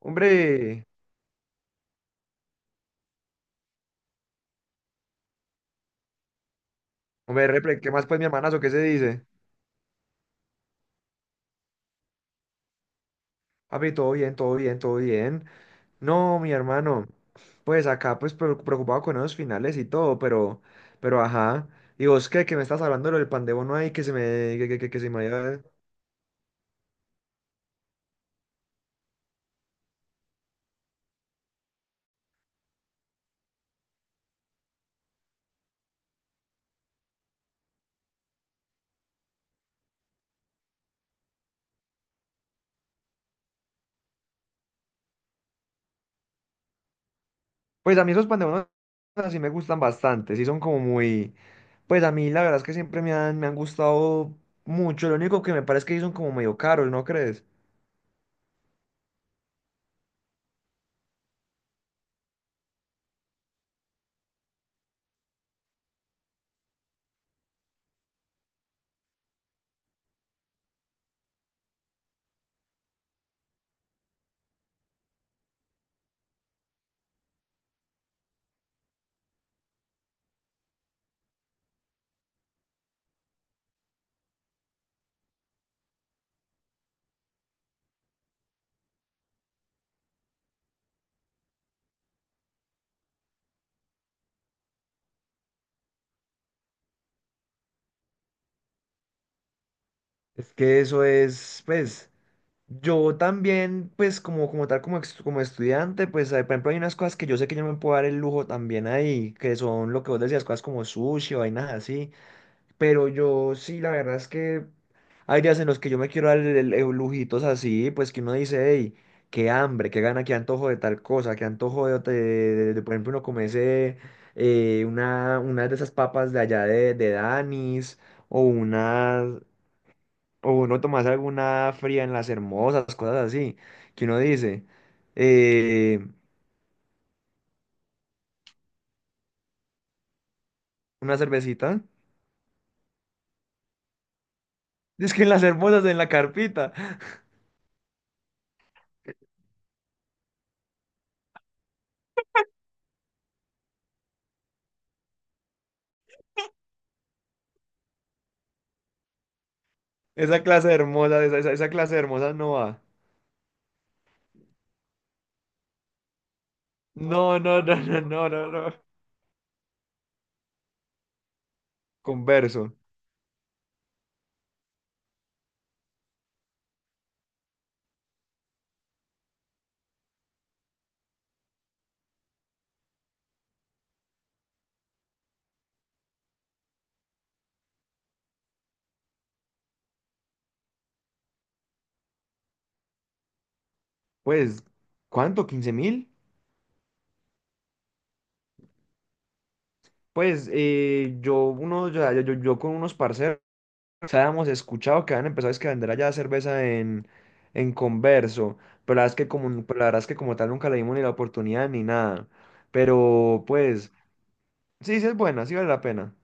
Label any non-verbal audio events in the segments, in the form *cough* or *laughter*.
Hombre, hombre, repre, ¿qué más pues mi hermanazo? ¿Qué se dice? Papi, todo bien, todo bien, todo bien. No, mi hermano, pues acá pues preocupado con esos finales y todo, pero ajá. ¿Y vos qué? Que me estás hablando de lo del pan de bono ahí que se me, que se me. Pues a mí esos pan de bono así me gustan bastante, sí son como muy. Pues a mí la verdad es que siempre me han gustado mucho, lo único que me parece es que sí son como medio caros, ¿no crees? Es que eso es, pues. Yo también, pues como tal, como estudiante, pues por ejemplo hay unas cosas que yo sé que yo no me puedo dar el lujo también ahí, que son lo que vos decías, cosas como sushi o vainas así, pero yo sí, la verdad es que hay días en los que yo me quiero dar el lujitos así, pues que uno dice, hey, qué hambre, qué gana, qué antojo de tal cosa, qué antojo de, por ejemplo, uno comerse una de esas papas de allá de Danis o unas o uno tomarse alguna fría en las hermosas, cosas así, que uno dice, eh, una cervecita, *laughs* es que en las hermosas, en la carpita, esa clase de hermosas no va. No, no, no, no, no, no, no. Converso. Pues, ¿cuánto? ¿15.000? Pues yo, uno, yo, yo, yo yo con unos parceros. Habíamos escuchado que habían empezado es que a vender allá cerveza en Converso, pero la verdad es que como tal nunca le dimos ni la oportunidad ni nada. Pero pues, sí, sí es buena, sí vale la pena.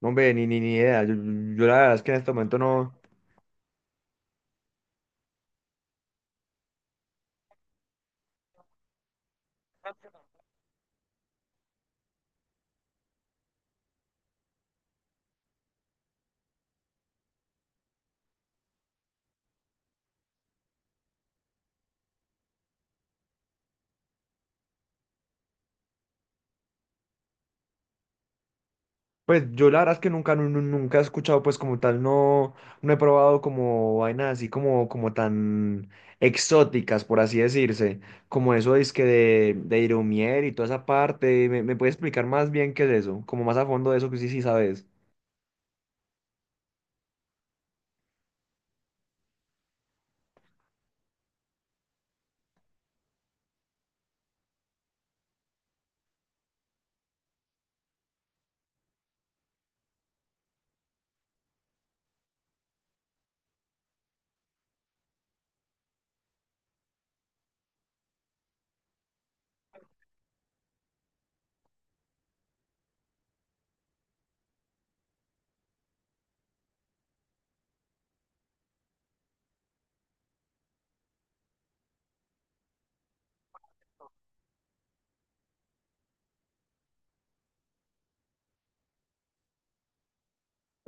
No, hombre, ni idea. Yo la verdad es que en este momento no. Pues yo la verdad es que nunca, nu- nu- nunca he escuchado, pues como tal, no, no he probado como vainas así como tan exóticas, por así decirse, como eso es que de Irumier y toda esa parte. ¿Me puedes explicar más bien qué es eso? Como más a fondo de eso que sí, sí sabes.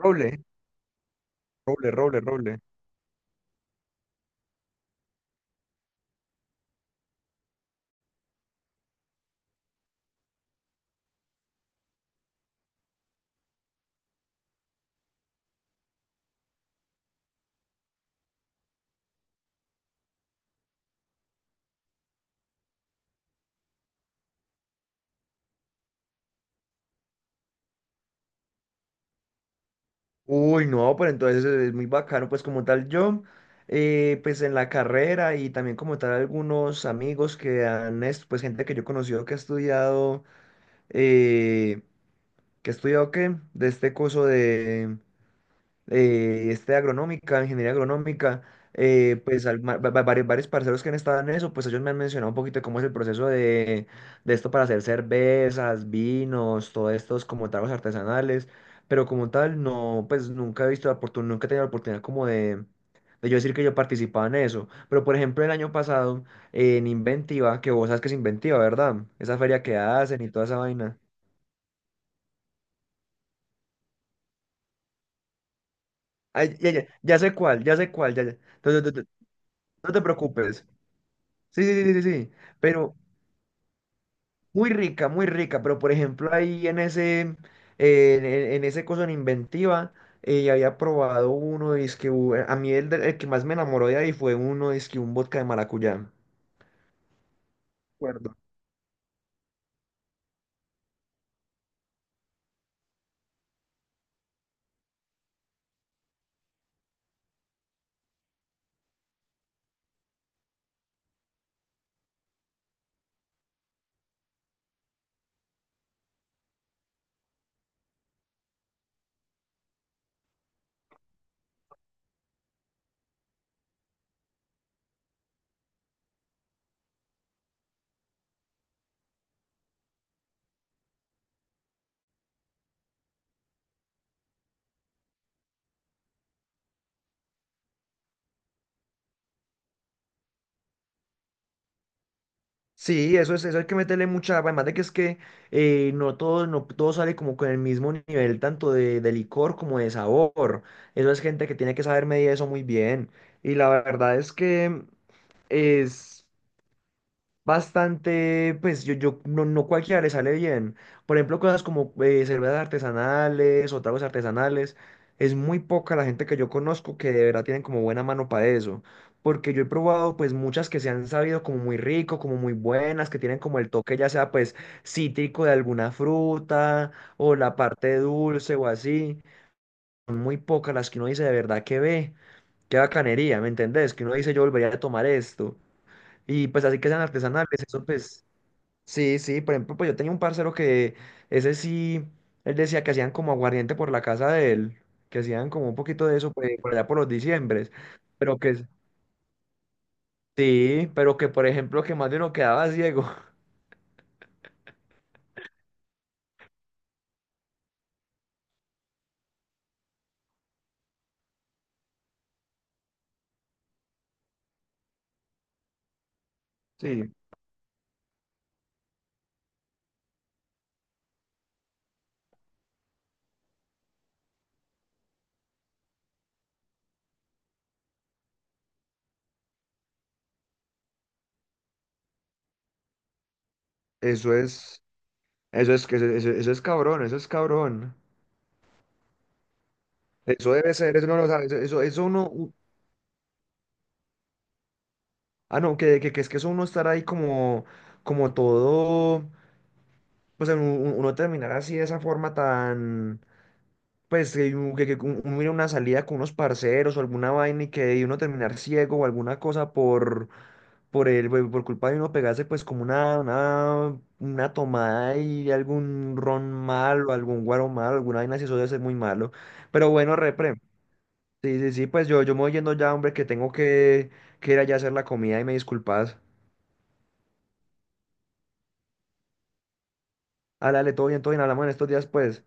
Roble, roble, roble, roble. Uy, no, pero entonces es muy bacano, pues como tal yo, pues en la carrera y también como tal algunos amigos que pues gente que yo he conocido que ha estudiado. eh, ¿Qué he estudiado qué? De este curso de ingeniería agronómica, pues varios parceros que han estado en eso, pues ellos me han mencionado un poquito de cómo es el proceso de esto para hacer cervezas, vinos, todos estos como tragos artesanales, pero como tal, no, pues nunca he visto la oportunidad, nunca he tenido la oportunidad como de yo decir que yo participaba en eso. Pero por ejemplo, el año pasado, en Inventiva, que vos sabes que es Inventiva, ¿verdad? Esa feria que hacen y toda esa vaina. Ay, ya, ya, ya sé cuál, ya sé cuál, ya, ya. No, no, no, no, no te preocupes. Sí, sí, sí, sí, sí. Pero muy rica, muy rica. Pero por ejemplo, ahí en ese coso en Inventiva, había probado uno, que a mí el que más me enamoró de ahí fue uno, que un vodka de maracuyá. Acuerdo. Sí, eso hay que meterle mucha, además de que es que no todo sale como con el mismo nivel, tanto de licor como de sabor. Eso es gente que tiene que saber medir eso muy bien. Y la verdad es que es bastante, pues yo no, no cualquiera le sale bien. Por ejemplo, cosas como cervezas artesanales o tragos artesanales. Es muy poca la gente que yo conozco que de verdad tienen como buena mano para eso. Porque yo he probado pues muchas que se han sabido como muy rico, como muy buenas, que tienen como el toque ya sea pues cítrico de alguna fruta o la parte dulce o así. Son muy pocas las que uno dice de verdad que ve, qué bacanería, ¿me entendés? Que uno dice yo volvería a tomar esto. Y pues así que sean artesanales, eso pues sí, sí, por ejemplo, pues yo tenía un parcero que ese sí, él decía que hacían como aguardiente por la casa de él, que hacían como un poquito de eso pues, por allá por los diciembres, pero que sí, pero que por ejemplo que más de uno quedaba ciego. *laughs* Sí, eso es, eso es cabrón, eso es cabrón. Eso debe ser, eso no lo sabe. Ah, no, que es que eso uno estar ahí como, todo, pues uno terminar así de esa forma tan pues que un- uno ir a una salida con unos parceros o alguna vaina y que de uno terminar ciego o alguna cosa por el, por culpa de uno pegarse pues como una tomada y algún ron malo, algún guaro malo, alguna vaina, si eso debe ser muy malo. Pero bueno, repre, sí, sí, sí, pues yo me voy yendo ya, hombre, que tengo que ir allá a hacer la comida y me disculpas. Álale, todo bien, hablamos en estos días, pues.